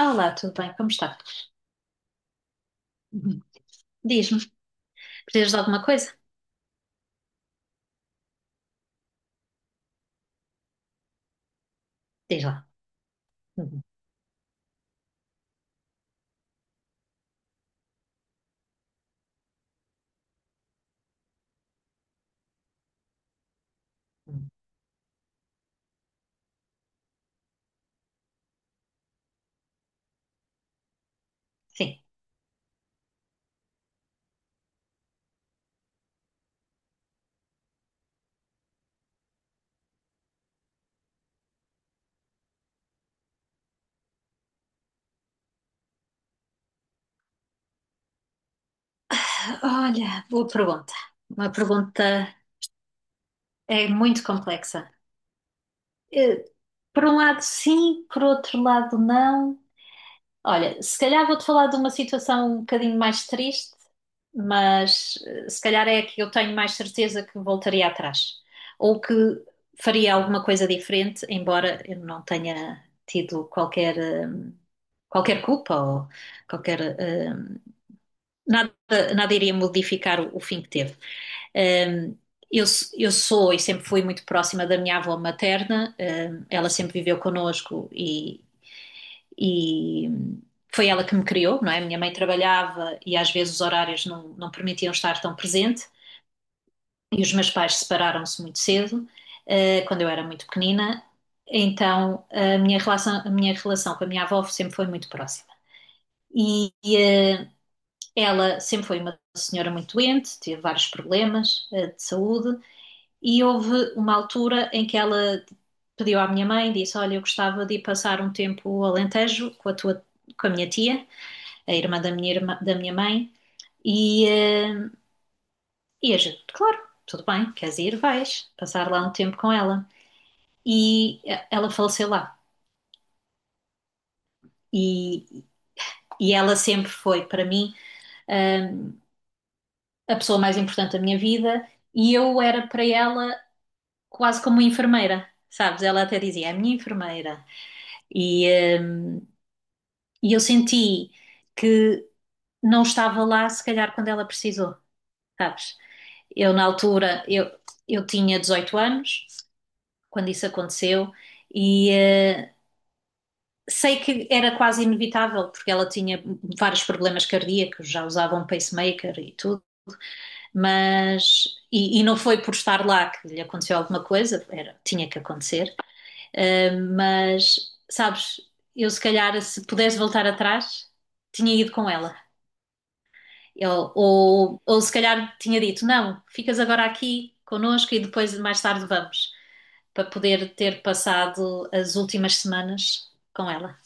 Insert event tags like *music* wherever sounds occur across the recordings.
Olá, tudo bem? Como está? Uhum. Diz-me, precisas de alguma coisa? Diz lá. Uhum. Uhum. Sim. Ah, Olha, boa pergunta. Uma pergunta é muito complexa. Eh, Por um lado, sim, por outro lado, não. Olha, se calhar vou-te falar de uma situação um bocadinho mais triste, mas se calhar é a que eu tenho mais certeza que voltaria atrás. Ou que faria alguma coisa diferente, embora eu não tenha tido qualquer, qualquer culpa ou qualquer nada, nada iria modificar o fim que teve. Hum, eu, eu sou e sempre fui muito próxima da minha avó materna, ela sempre viveu connosco e foi ela que me criou, não é? Minha mãe trabalhava e às vezes os horários não permitiam estar tão presente e os meus pais separaram-se muito cedo, quando eu era muito pequenina. Então, a minha relação com a minha avó sempre foi muito próxima. E, e ah, ela sempre foi uma senhora muito doente, teve vários problemas de saúde e houve uma altura em que ela pediu à minha mãe, disse: Olha, eu gostava de ir passar um tempo ao Alentejo com a tua, com a minha tia, a irmã da minha, da minha mãe, e, eh, e a gente, claro, tudo bem, queres ir, vais passar lá um tempo com ela. E ela faleceu lá. E, e ela sempre foi para mim eh, a pessoa mais importante da minha vida, e eu era para ela quase como enfermeira, sabes? Ela até dizia, é a minha enfermeira. E, hum, e eu senti que não estava lá, se calhar, quando ela precisou, sabes? Eu, na altura, eu tinha 18 anos quando isso aconteceu e sei que era quase inevitável, porque ela tinha vários problemas cardíacos, já usava um pacemaker e tudo, mas. E não foi por estar lá que lhe aconteceu alguma coisa, era, tinha que acontecer. Mas, sabes, eu se calhar, se pudesse voltar atrás, tinha ido com ela. Ou se calhar tinha dito, não, ficas agora aqui connosco e depois mais tarde vamos, para poder ter passado as últimas semanas com ela.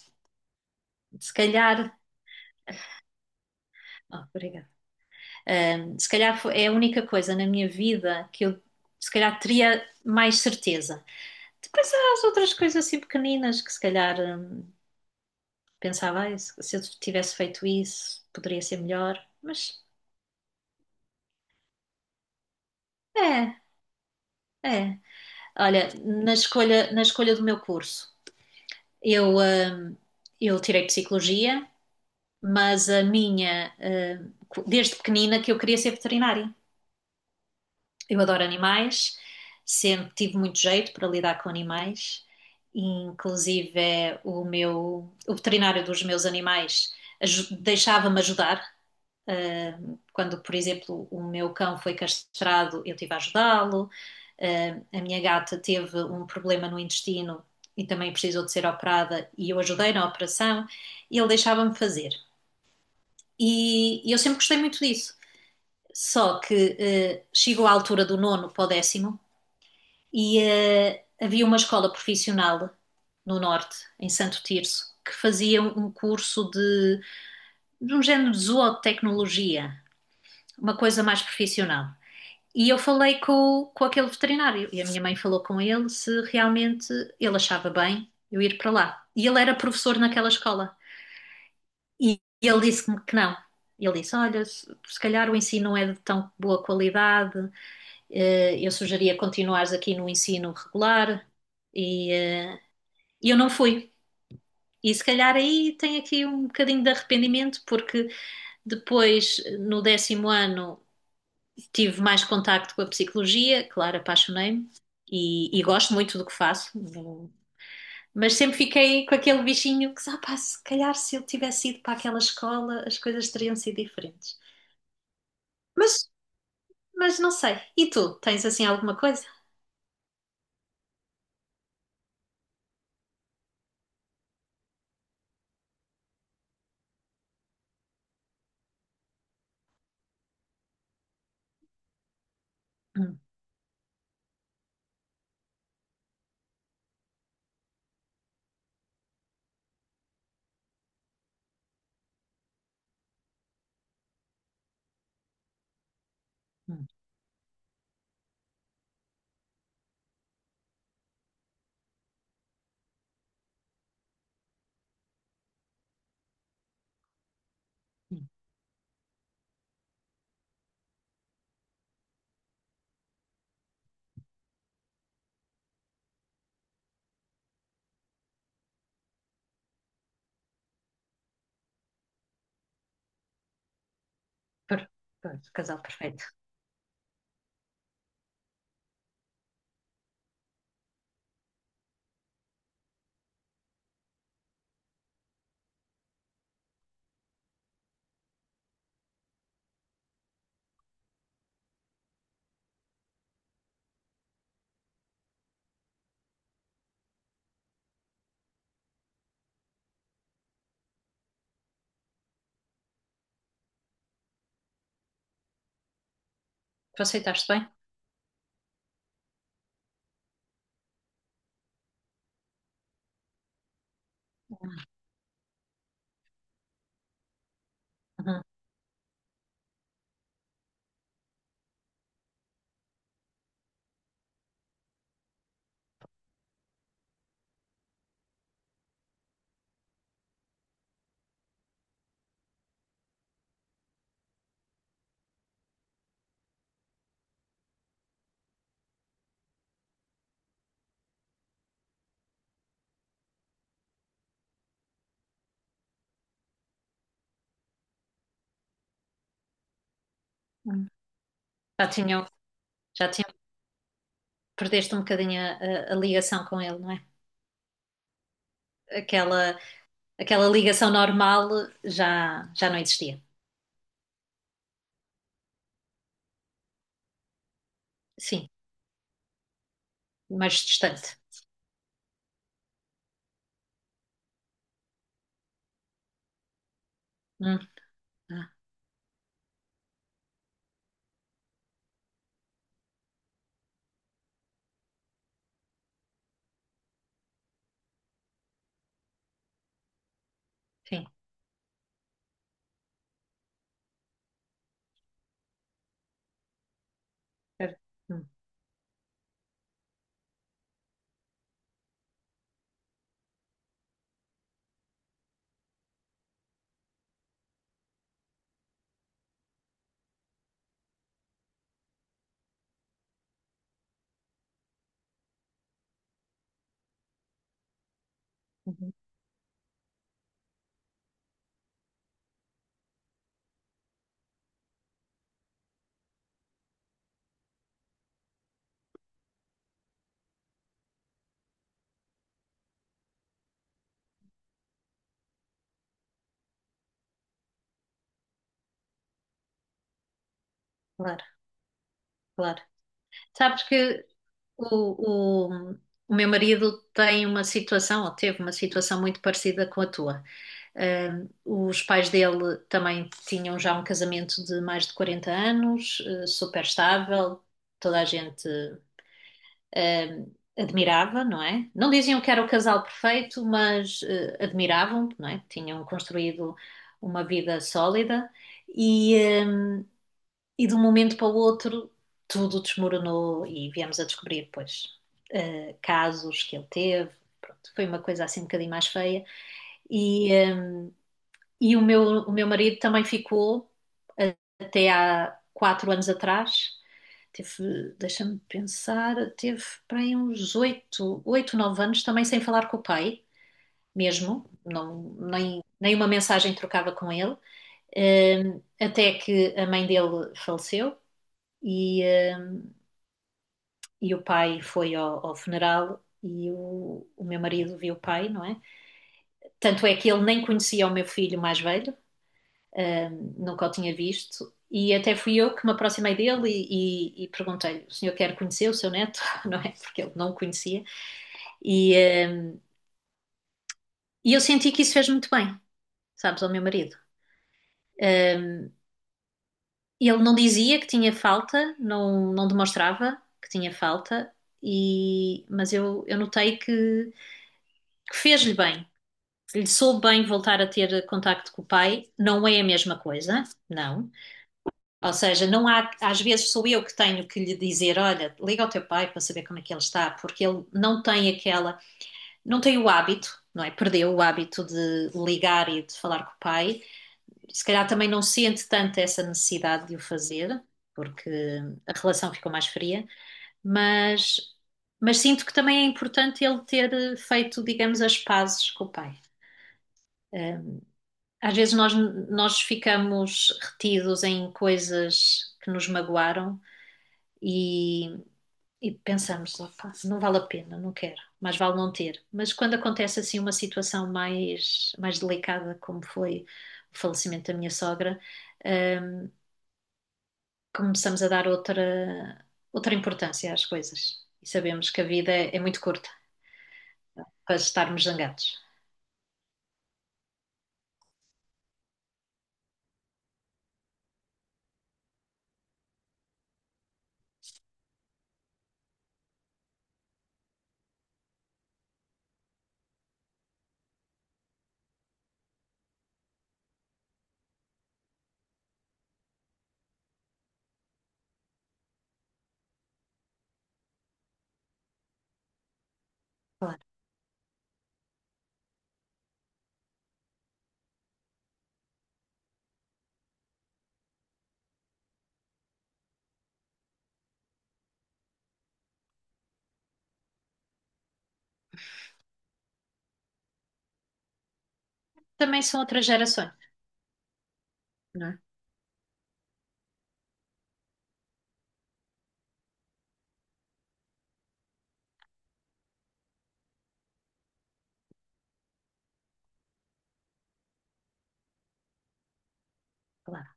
Se calhar, oh, obrigada. Um, se calhar é a única coisa na minha vida que eu se calhar teria mais certeza. Depois há as outras coisas assim pequeninas que se calhar pensava, "Ai, se eu tivesse feito isso, poderia ser melhor." Mas é, é. Olha, na escolha do meu curso, eu, hum, eu tirei psicologia, mas a minha, desde pequenina que eu queria ser veterinária. Eu adoro animais, sempre tive muito jeito para lidar com animais. Inclusive, é o meu, o veterinário dos meus animais deixava-me ajudar. Quando, por exemplo, o meu cão foi castrado, eu tive a ajudá-lo. A minha gata teve um problema no intestino e também precisou de ser operada e eu ajudei na operação e ele deixava-me fazer. E eu sempre gostei muito disso. Só que chegou à altura do nono para o décimo e havia uma escola profissional no norte, em Santo Tirso, que fazia um curso de um género de zootecnologia, uma coisa mais profissional. E eu falei com aquele veterinário e a minha mãe falou com ele se realmente ele achava bem eu ir para lá. E ele era professor naquela escola e ele disse-me que não. Ele disse: Olha, se se calhar o ensino não é de tão boa qualidade, eu sugeria continuares aqui no ensino regular. E eh, e eu não fui. E se calhar aí tem aqui um bocadinho de arrependimento, porque depois, no décimo ano, tive mais contacto com a psicologia, claro, apaixonei-me e gosto muito do que faço, mas sempre fiquei com aquele bichinho que, ah, pá, se calhar se eu tivesse ido para aquela escola as coisas teriam sido diferentes. Mas, mas não sei. E tu, tens assim alguma coisa? Hum, hum, hum. Per- Casal perfeito. Tu aceitaste bem? Uhum, uhum. Já tinham, já tinham, perdeste um bocadinho a, a ligação com ele, não é? Aquela, aquela ligação normal já, já não existia. Sim. Mais distante. Hum, ah, sim, certo. Hum. Uhum. Claro, claro. Sabes que o, o, o meu marido tem uma situação, ou teve uma situação muito parecida com a tua. Os pais dele também tinham já um casamento de mais de 40 anos, super estável, toda a gente. Ah, admirava, não é? Não diziam que era o casal perfeito, mas ah, admiravam, não é? Tinham construído uma vida sólida e, ah, e de um momento para o outro tudo desmoronou e viemos a descobrir, pois, ah, casos que ele teve. Pronto, foi uma coisa assim um bocadinho mais feia e, ah, e o meu marido também ficou a- até há 4 anos atrás. Teve, deixa-me pensar, teve para aí uns 8, 8, 9 anos também sem falar com o pai, mesmo. Não, nem, nem uma mensagem trocava com ele. Até que a mãe dele faleceu e, hum, e o pai foi ao, ao funeral e o meu marido viu o pai, não é? Tanto é que ele nem conhecia o meu filho mais velho, nunca o tinha visto. E até fui eu que me aproximei dele e perguntei-lhe: o senhor quer conhecer o seu neto? *laughs* Não é? Porque ele não o conhecia. E, eh, e eu senti que isso fez muito bem, sabes, ao meu marido. Um, ele não dizia que tinha falta, não, não demonstrava que tinha falta, e, mas eu notei que fez-lhe bem. Ele soube bem voltar a ter contacto com o pai. Não é a mesma coisa, não. Ou seja, não há, às vezes sou eu que tenho que lhe dizer, olha, liga ao teu pai para saber como é que ele está, porque ele não tem aquela, não tem o hábito, não é? Perdeu o hábito de ligar e de falar com o pai. Se calhar também não sente tanto essa necessidade de o fazer, porque a relação ficou mais fria, mas, mas sinto que também é importante ele ter feito, digamos, as pazes com o pai. Eh, Às vezes nós, nós ficamos retidos em coisas que nos magoaram e, e pensamos, opa, não vale a pena, não quero, mais vale não ter. Mas quando acontece assim uma situação mais, mais delicada, como foi o falecimento da minha sogra, hum, começamos a dar outra, outra importância às coisas e sabemos que a vida é, é muito curta para estarmos zangados. Claro. Também são outras gerações, não é? Claro.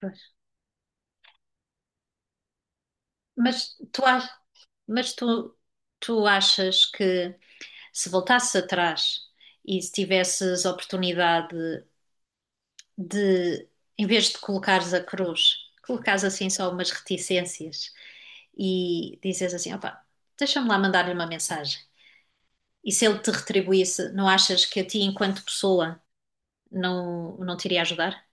Pois. Mas tu, ach- mas tu, tu achas que se voltasses atrás e se tivesses oportunidade de, em vez de colocares a cruz, colocares assim só umas reticências e dizes assim, opa, deixa-me lá mandar-lhe uma mensagem. E se ele te retribuísse, não achas que a ti, enquanto pessoa, não, não te iria ajudar?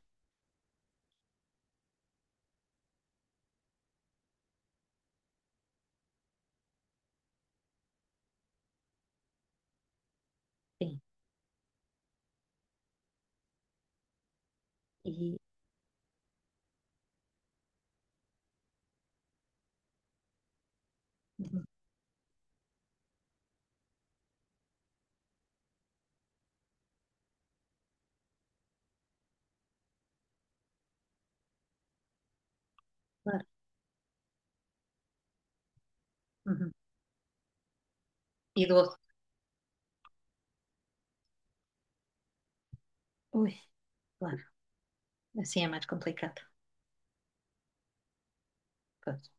Sim. E, claro. Uhum. E do outro, ui, claro, assim é mais complicado. Pois.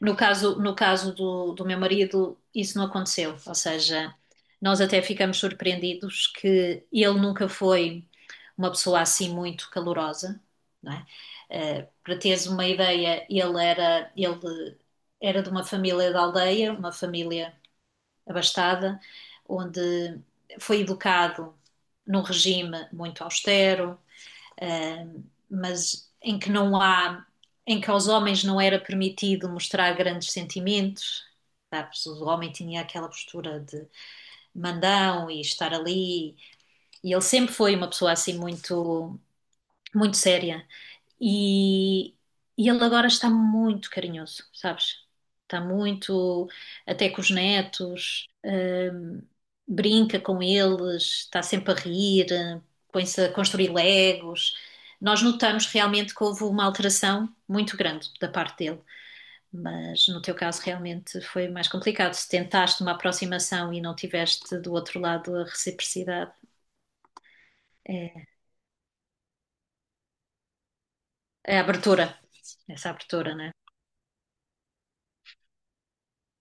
No caso do, do meu marido, isso não aconteceu. Ou seja, nós até ficamos surpreendidos que ele nunca foi uma pessoa assim muito calorosa, não é? Para teres uma ideia, ele era de uma família da aldeia, uma família abastada, onde foi educado num regime muito austero, uh, mas em que não há, em que aos homens não era permitido mostrar grandes sentimentos, sabes? O homem tinha aquela postura de mandão e estar ali, e ele sempre foi uma pessoa assim muito, muito séria e, e ele agora está muito carinhoso, sabes? Está muito, até com os netos, brinca com eles, está sempre a rir, põe-se a construir legos. Nós notamos realmente que houve uma alteração muito grande da parte dele, mas no teu caso realmente foi mais complicado. Se tentaste uma aproximação e não tiveste do outro lado a reciprocidade, é é a abertura, essa abertura, né?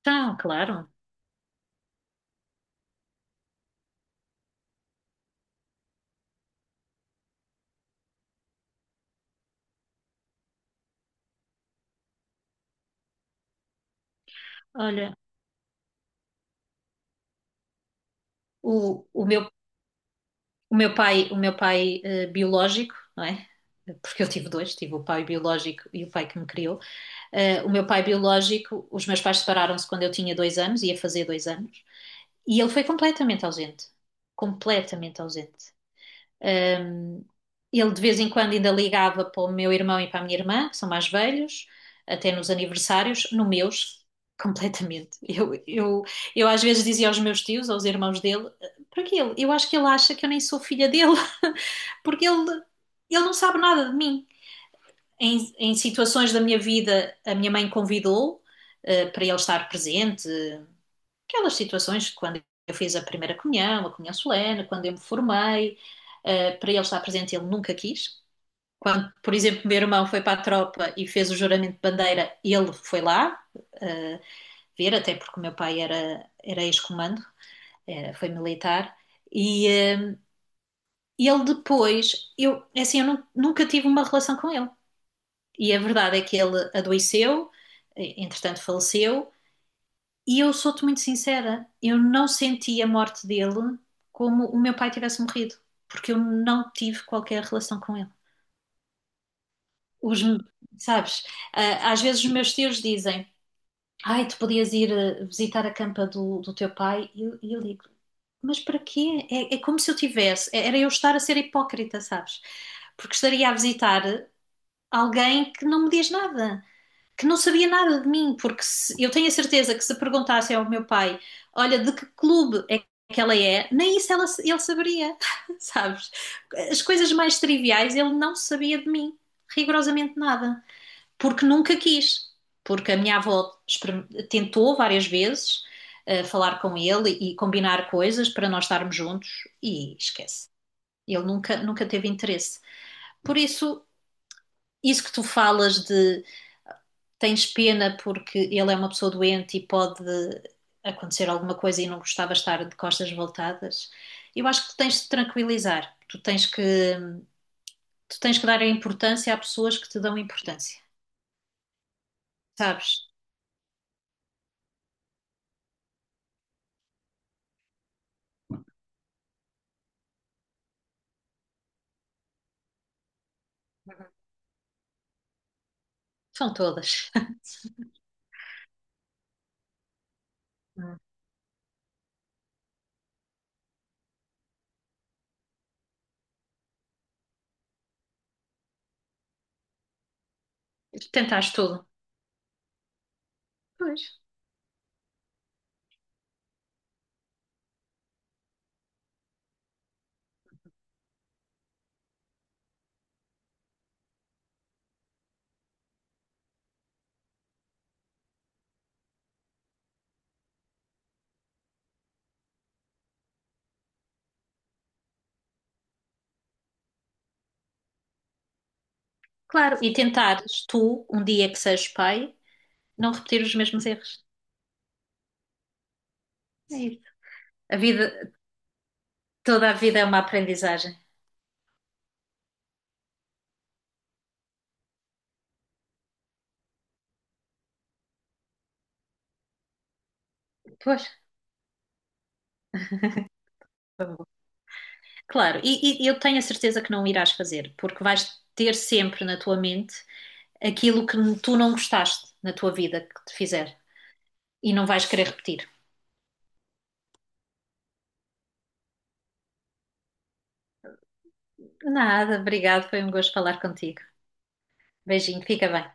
Então, claro. Olha. O, o meu, o meu pai biológico, não é? Porque eu tive dois, tive o pai biológico e o pai que me criou. O meu pai biológico, os meus pais separaram-se quando eu tinha 2 anos, ia fazer 2 anos, e ele foi completamente ausente. Completamente ausente. Um, ele de vez em quando ainda ligava para o meu irmão e para a minha irmã, que são mais velhos, até nos aniversários, no meus, *laughs* completamente. Eu às vezes dizia aos meus tios, aos irmãos dele, para ele? Eu acho que ele acha que eu nem sou filha dele, *laughs* porque ele não sabe nada de mim. Em situações da minha vida, a minha mãe convidou para ele estar presente. Aquelas situações quando eu fiz a primeira comunhão, a comunhão solene, quando eu me formei, para ele estar presente, ele nunca quis. Quando, por exemplo, meu irmão foi para a tropa e fez o juramento de bandeira, ele foi lá eh, ver, até porque o meu pai era, era ex-comando, foi militar. E eh, ele depois, eu, é assim, eu nunca tive uma relação com ele. E a verdade é que ele adoeceu, entretanto faleceu. E eu sou-te muito sincera, eu não senti a morte dele como o meu pai tivesse morrido, porque eu não tive qualquer relação com ele. Os, sabes, ah, às vezes os meus tios dizem, ai, tu podias ir ah, visitar a campa do, do teu pai, e eu digo, mas para quê? É, é como se eu tivesse, era eu estar a ser hipócrita, sabes? Porque estaria a visitar alguém que não me diz nada. Que não sabia nada de mim, porque eu tenho a certeza que se perguntassem ao meu pai, olha, de que clube é que ela é, nem isso ele saberia, *laughs* sabes? As coisas mais triviais ele não sabia de mim, rigorosamente nada, porque nunca quis, porque a minha avó tentou várias vezes falar com ele e combinar coisas para nós estarmos juntos e esquece. Ele nunca, nunca teve interesse. Por isso, isso que tu falas de tens pena porque ele é uma pessoa doente e pode acontecer alguma coisa e não gostava de estar de costas voltadas. Eu acho que tu tens de te tranquilizar, tu tens que dar a importância a pessoas que te dão importância, sabes? Uhum. São todas. *laughs* Uhum. Tentares tudo. Pois. Claro, e tentares tu, um dia que sejas pai, não repetir os mesmos erros. É isso. A vida, toda a vida é uma aprendizagem. Pois. Claro, e eu tenho a certeza que não irás fazer, porque vais ter sempre na tua mente aquilo que tu não gostaste na tua vida que te fizer e não vais querer repetir. Nada, obrigado, foi um gosto falar contigo. Beijinho, fica bem.